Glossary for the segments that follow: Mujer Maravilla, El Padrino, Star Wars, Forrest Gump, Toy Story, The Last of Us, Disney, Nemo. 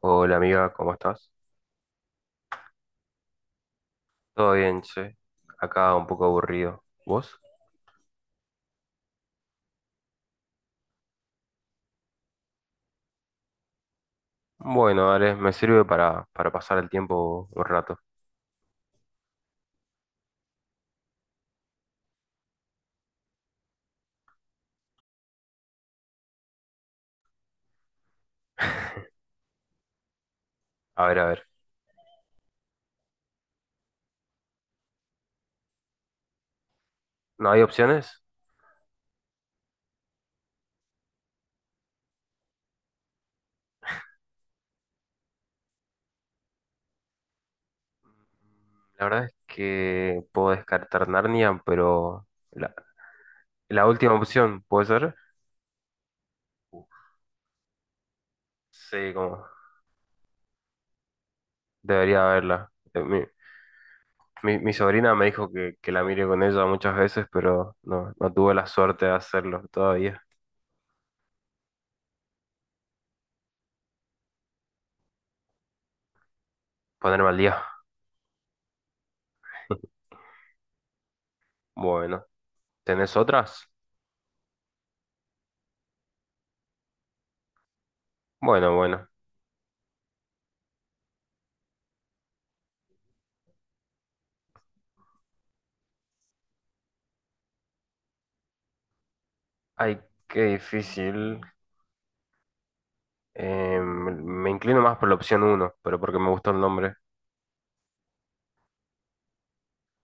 Hola amiga, ¿cómo estás? Todo bien, che. Acá un poco aburrido. ¿Vos? Bueno, dale, me sirve para pasar el tiempo un rato. A ver, a ver. ¿No hay opciones? La verdad es que puedo descartar Narnia, pero la, la última opción, ¿puede ser? Uf, sí, como debería haberla. Mi sobrina me dijo que la mire con ella muchas veces, pero no, no tuve la suerte de hacerlo todavía. Ponerme al día. Bueno, ¿tenés otras? Bueno, bueno. Ay, qué difícil. Me inclino más por la opción uno, pero porque me gustó el nombre.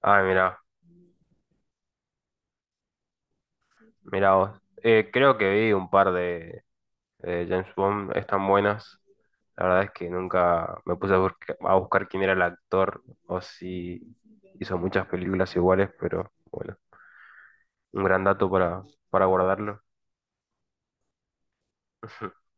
Ay, mira, mira vos. Creo que vi un par de James Bond, están buenas. La verdad es que nunca me puse a, a buscar quién era el actor o si hizo muchas películas iguales, pero bueno, un gran dato para guardarlo.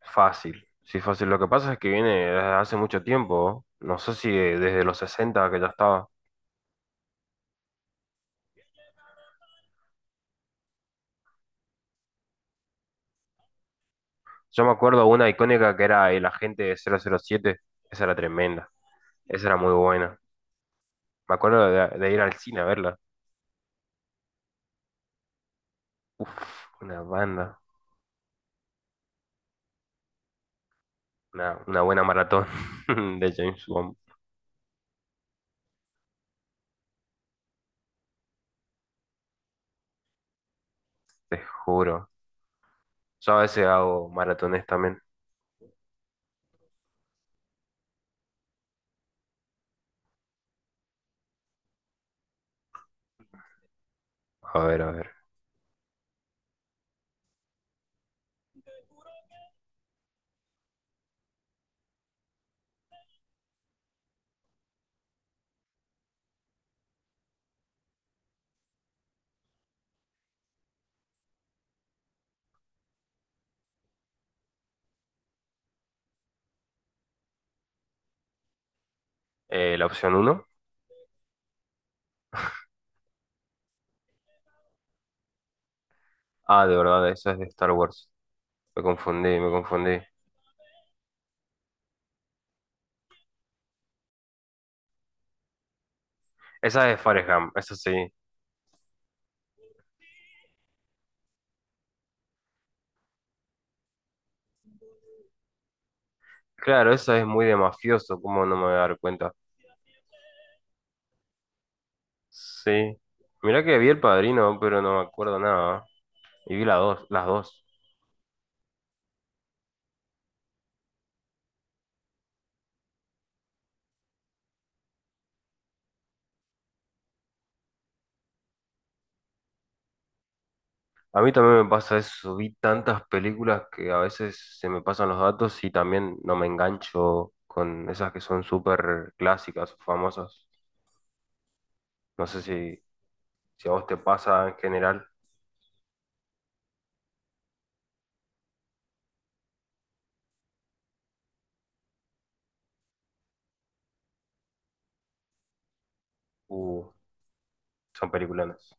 Fácil, sí, fácil. Lo que pasa es que viene desde hace mucho tiempo, no. No sé si desde los 60 que ya estaba. Yo me acuerdo una icónica que era El Agente 007. Esa era tremenda. Esa era muy buena. Me acuerdo de ir al cine a verla. Uf, una banda. Una buena maratón de James Bond. Te juro. Yo a veces hago maratones también. A ver, a ver. La opción uno. Ah, de verdad, esa es de Star Wars. Me confundí, me confundí. Esa es de Forrest Gump, esa sí. Claro, esa es muy de mafioso, ¿cómo no me voy a dar cuenta? Sí. Mirá que vi El Padrino, pero no me acuerdo nada. Y vi las dos, las dos. A mí también me pasa eso, vi tantas películas que a veces se me pasan los datos y también no me engancho con esas que son súper clásicas o famosas. No sé si, si a vos te pasa en general, uh, son películas.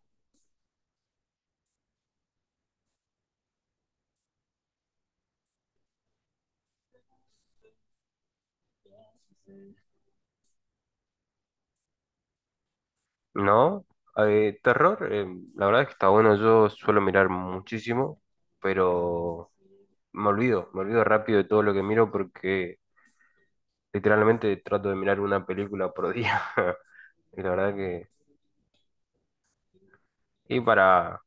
¿No? Terror, la verdad es que está bueno, yo suelo mirar muchísimo, pero me olvido rápido de todo lo que miro porque literalmente trato de mirar una película por día. Y la verdad que... Y para,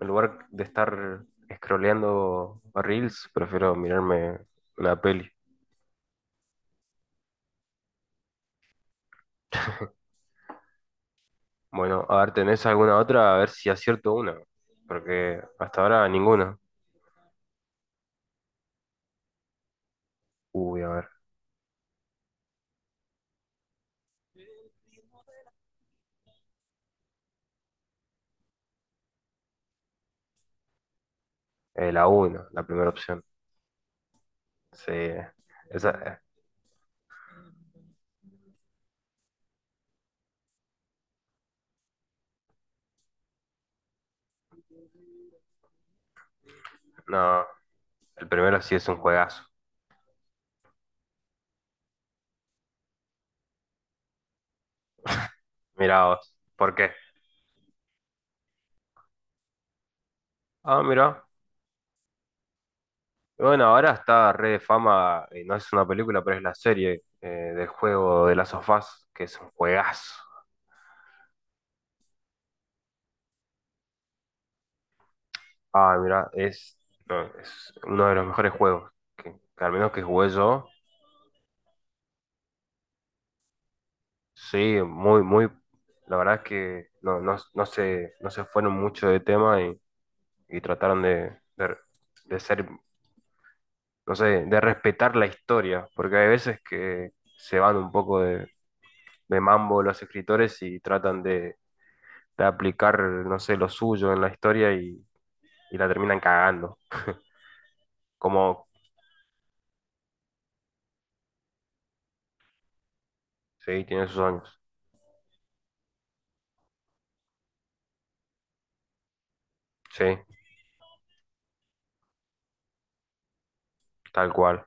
en lugar de estar scrolleando reels, prefiero mirarme una peli. Bueno, a ver, ¿tenés alguna otra? A ver si acierto una. Porque hasta ahora ninguna. Uy, a ver. Eh, la una, la primera opción. Sí. Esa, no, el primero sí es un juegazo. Mirá vos. ¿Por qué? Ah, mirá. Bueno, ahora está re de fama, y no es una película, pero es la serie, del juego de las of Us, que es un juegazo. Ah, mira, es, no, es uno de los mejores juegos que al menos que jugué yo. Sí, muy, muy. La verdad es que no, no, no se fueron mucho de tema y trataron de ser, no sé, de respetar la historia, porque hay veces que se van un poco de mambo los escritores y tratan de aplicar, no sé, lo suyo en la historia y la terminan cagando. Como, sí, tiene sus años. Sí, tal cual.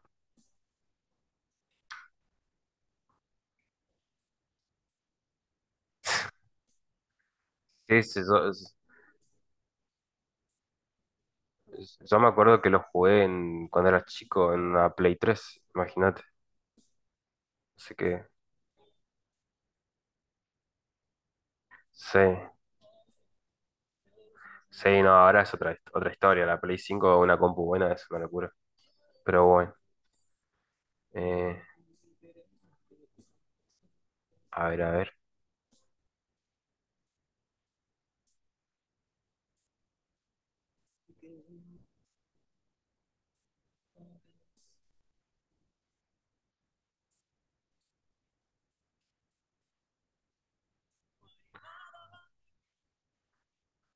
Sí, sí, yo- Yo me acuerdo que lo jugué en, cuando era chico en una Play tres, imagínate. Así que sí, sí, no, ahora es otra, otra historia. La Play cinco, una compu buena, es una locura. Pero bueno, eh, a ver, a ver.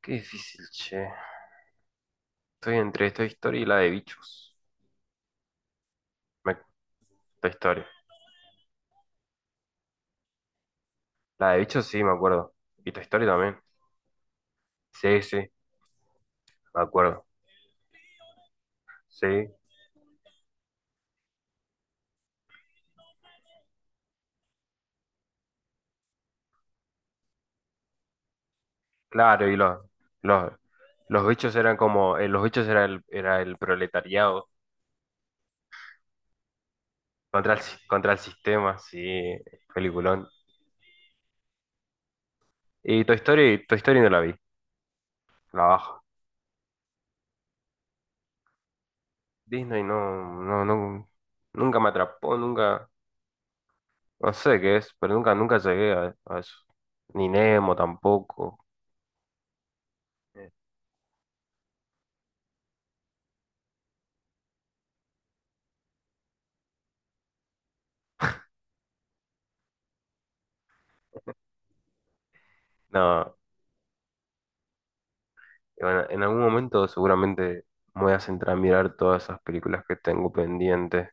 Qué difícil, che. Estoy entre esta historia y la de bichos. Me, Toy Story. La de bichos sí, me acuerdo. Y Toy Story también. Sí, sí, me acuerdo. Sí, claro, y los, los bichos eran como, los bichos era el proletariado. Contra el, contra el sistema, sí, peliculón. Y Toy Story, Toy Story no la vi, la bajo. Disney no, no, no, nunca me atrapó, nunca, no sé qué es, pero nunca, nunca llegué a eso. Ni Nemo tampoco. Eh, No, y bueno, en algún momento seguramente me voy a centrar a mirar todas esas películas que tengo pendientes.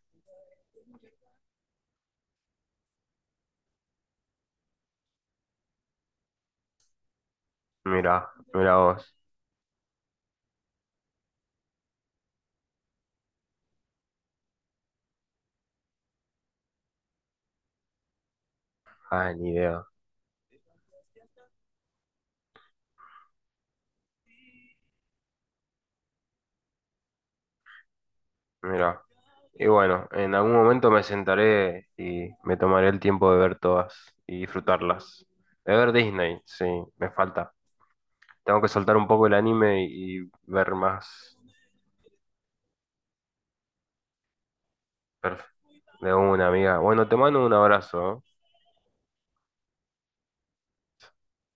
Mira, mira vos. Ah, ni idea. Mira. Y bueno, en algún momento me sentaré y me tomaré el tiempo de ver todas y disfrutarlas. De ver Disney, sí, me falta. Tengo que soltar un poco el anime y ver más. perf- de una amiga. Bueno, te mando un abrazo, ¿eh?